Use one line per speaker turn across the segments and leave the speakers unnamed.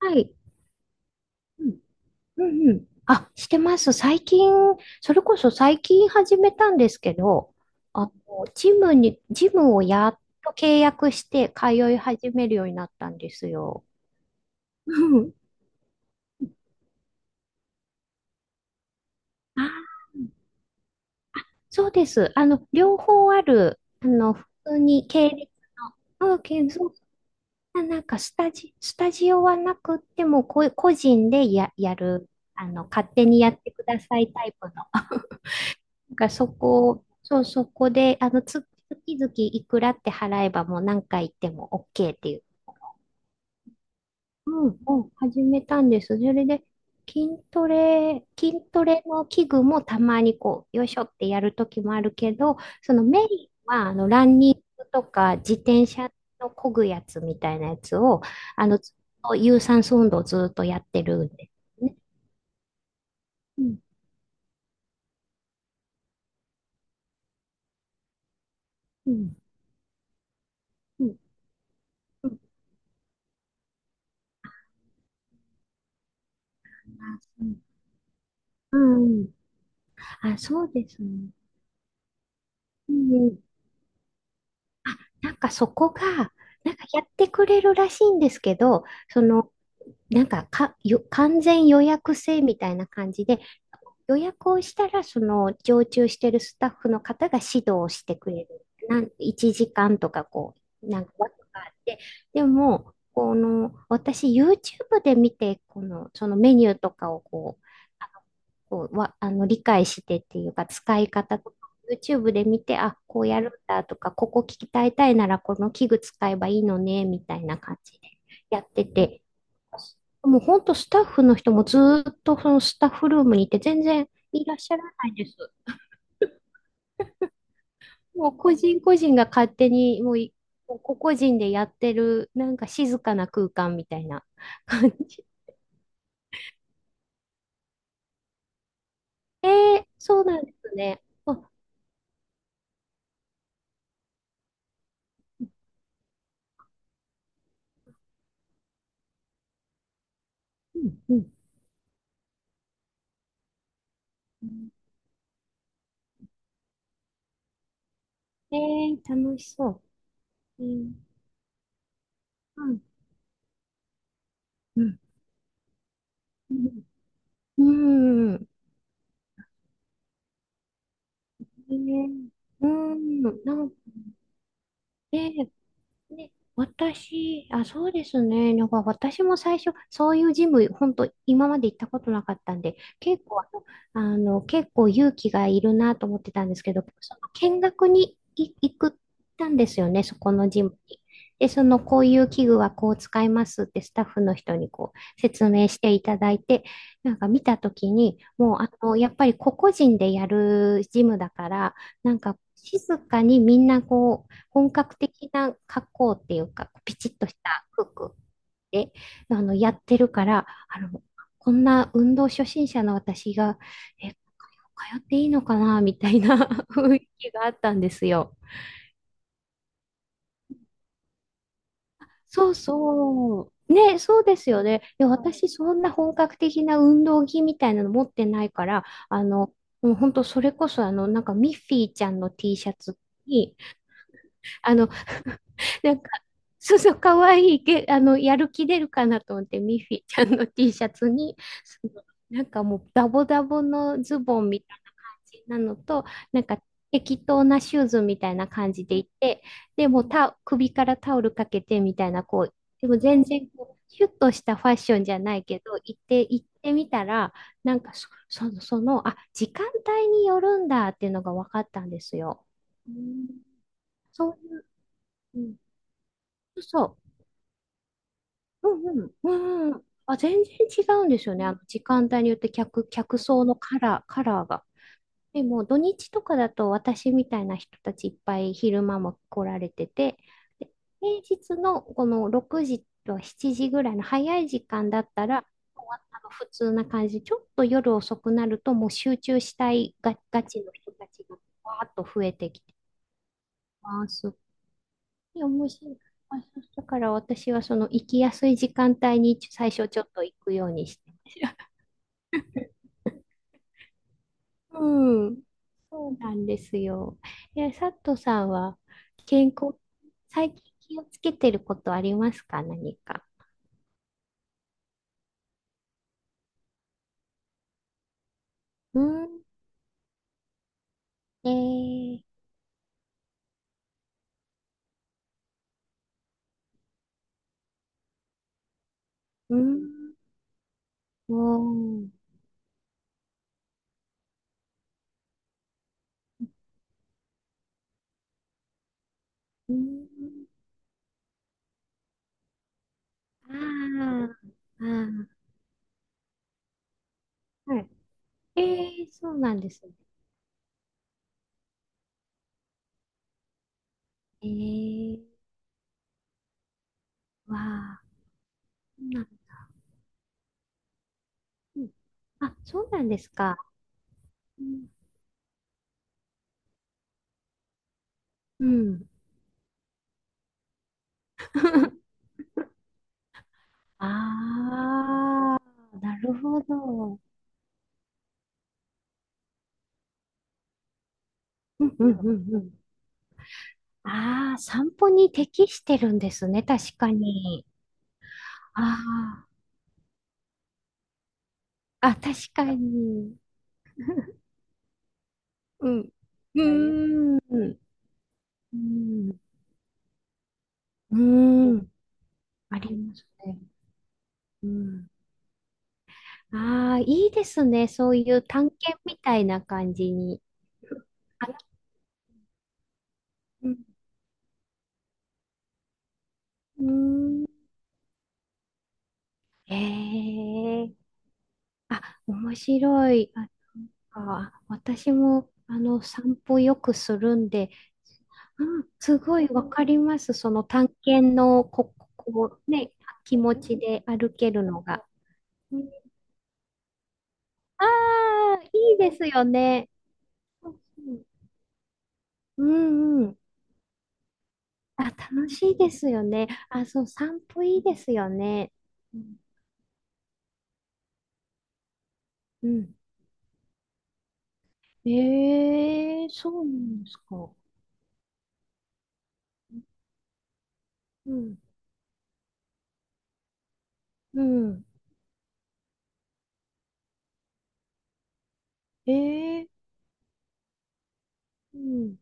はい。うん。うんうん。あ、してます。最近、それこそ最近始めたんですけど、あの、ジムをやっと契約して通い始めるようになったんですよ。うん。あ、そうです。両方ある、普通に系列の、うん、けそう、あ、スタジオはなくっても、こう個人でやる、あの、勝手にやってくださいタイプの。そこで、あの、月々いくらって払えばもう何回行っても OK っていう。うんうん、始めたんです。それで、筋トレの器具もたまにこう、よいしょってやるときもあるけど、そのメインは、あの、ランニングとか自転車の漕ぐやつみたいなやつを、あの、ずっと有酸素運動をずっとやってるんですね。うん、うん、うん、うん。あ、そう。うん。あ、そうですね。うん、あ、なんかそこが、なんかやってくれるらしいんですけど、その、完全予約制みたいな感じで、予約をしたら、その常駐してるスタッフの方が指導をしてくれる。1時間とかこう、なんか枠があって、でも、この、私 YouTube で見て、この、そのメニューとかをこう、ああの、理解してっていうか、使い方とか、YouTube で見て、あ、こうやるんだとか、ここ聞きたいたいなら、この器具使えばいいのね、みたいな感じでやってて、もう本当スタッフの人もずーっとそのスタッフルームにいて全然いらっしゃらないです。もう個人個人が勝手にもうい、もう個々人でやってるなんか静かな空間みたいな感じ。えー、そうなんですね。あ、うんうん。えー、楽しそう。えー、うん、うん、うん、うん、えー、うん、えー、ね、私、あ、そうですね。なんか私も最初、そういうジム、本当今まで行ったことなかったんで、結構、あの、結構勇気がいるなと思ってたんですけど、その見学に行くったんですよね、そこのジムに。で、その、こういう器具はこう使いますってスタッフの人にこう説明していただいて、なんか見たときに、もう、あの、やっぱり個々人でやるジムだから、なんか静かにみんなこう、本格的な格好っていうか、ピチッとした服で、あの、やってるから、あの、こんな運動初心者の私が、え、通っていいのかな、みたいな 雰囲気があったんですよ。そうそう。ね、そうですよね。いや、私、そんな本格的な運動着みたいなの持ってないから、あの、もう本当、それこそ、あの、なんか、ミッフィーちゃんの T シャツに、あの、なんか、そうそう、かわいいけ、あの、やる気出るかなと思って、ミッフィーちゃんの T シャツに、その、なんかもう、ダボダボのズボンみたいな感じなのと、なんか、適当なシューズみたいな感じでいて、でも首からタオルかけてみたいな、こう、でも全然こう、シュッとしたファッションじゃないけど、行ってみたら、あ、時間帯によるんだっていうのが分かったんですよ。うん、そういう、うん、そうそう。うんうん。うんうん。あ、全然違うんですよね。あの時間帯によって客層のカラーが。でも土日とかだと私みたいな人たちいっぱい昼間も来られてて、で平日のこの6時と7時ぐらいの早い時間だったら、終わったの普通な感じで、ちょっと夜遅くなるともう集中したいが、ガチの人たちがわーっと増えてきて、あーすいや面白い。あ、そうだから私はその行きやすい時間帯に最初ちょっと行くようにしてま、うん。そうなんですよ。え、佐藤さんは健康、最近気をつけてることありますか何か。うん。えー、うん。おー。うん。ああ。ああ。はい。えー、そうなんですね。えー、わあ。そうなん、うん、あ、そうなんですか。うん。うん。 ああ、なるほど。うんうんうんうん。ああ、散歩に適してるんですね、確かに。ああ、あ、確かに。うん。うーん。うん。うーん。ありますね。うん。ああ、いいですね。そういう探検みたいな感じに。あ、うん。うーん。ええ、あ、面白い。あ、なんか私も、あの、散歩よくするんで、うん、すごいわかります。その探検の、こうね、気持ちで歩けるのが。ああー、いいですよね。うんうん。あ、楽しいですよね。あ、そう、散歩いいですよね。うんうん。ええ、そうなんですか。うん。うん。ええ、うん。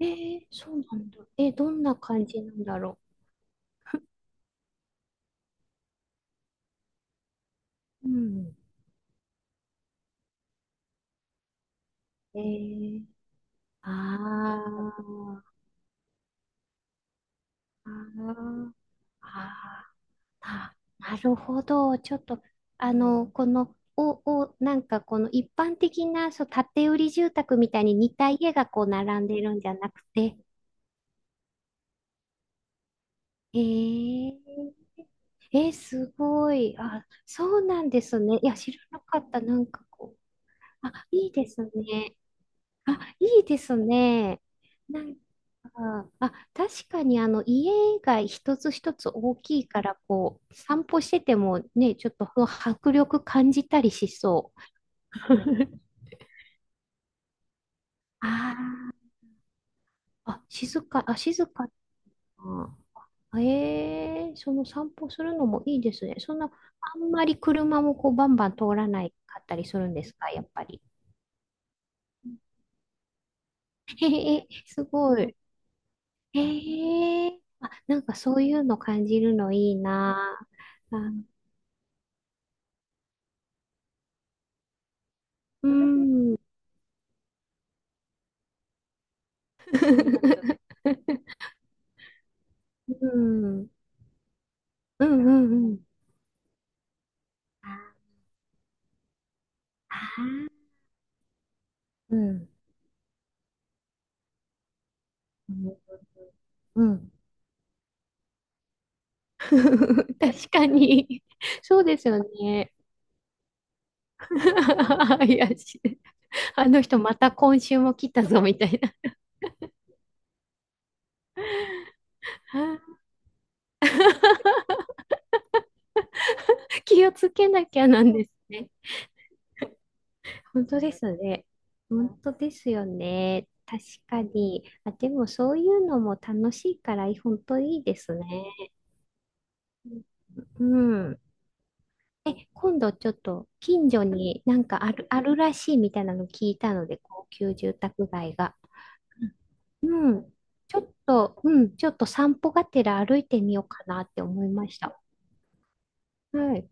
えー、そうなんだ。え、どんな感じなんだろう。うん。えー、あー、あー、あー、あ、なるほど。ちょっと、あの、この、お、お、なんかこの一般的な、そう、建て売り住宅みたいに似た家がこう並んでるんじゃなくて、えー、えー、すごい。あ、そうなんですね。いや、知らなかった。なんかこう。あ、いいですね。あ、いいですね。なんか、あ、確かにあの家が一つ一つ大きいから、こう、散歩しててもね、ちょっと迫力感じたりしそう。ああ、あ、静かな。ええ、その散歩するのもいいですね。そんな、あんまり車もこうバンバン通らないかったりするんですか、やっぱり。へへ、すごい。へえ、あ、なんかそういうの感じるのいいな。あ、うん。うん。うんうんうん。うん。うん。確かに。そうですよね。怪しい。あの人また今週も来たぞみたいな。気をつけなきゃなんですね。本当ですね。本当ですよね。確かに。あ、でもそういうのも楽しいから、本当いいですね。うん。え、今度ちょっと近所になんかある、あるらしいみたいなの聞いたので、高級住宅街が。うん。ちょっと、うん、ちょっと散歩がてら歩いてみようかなって思いました。はい。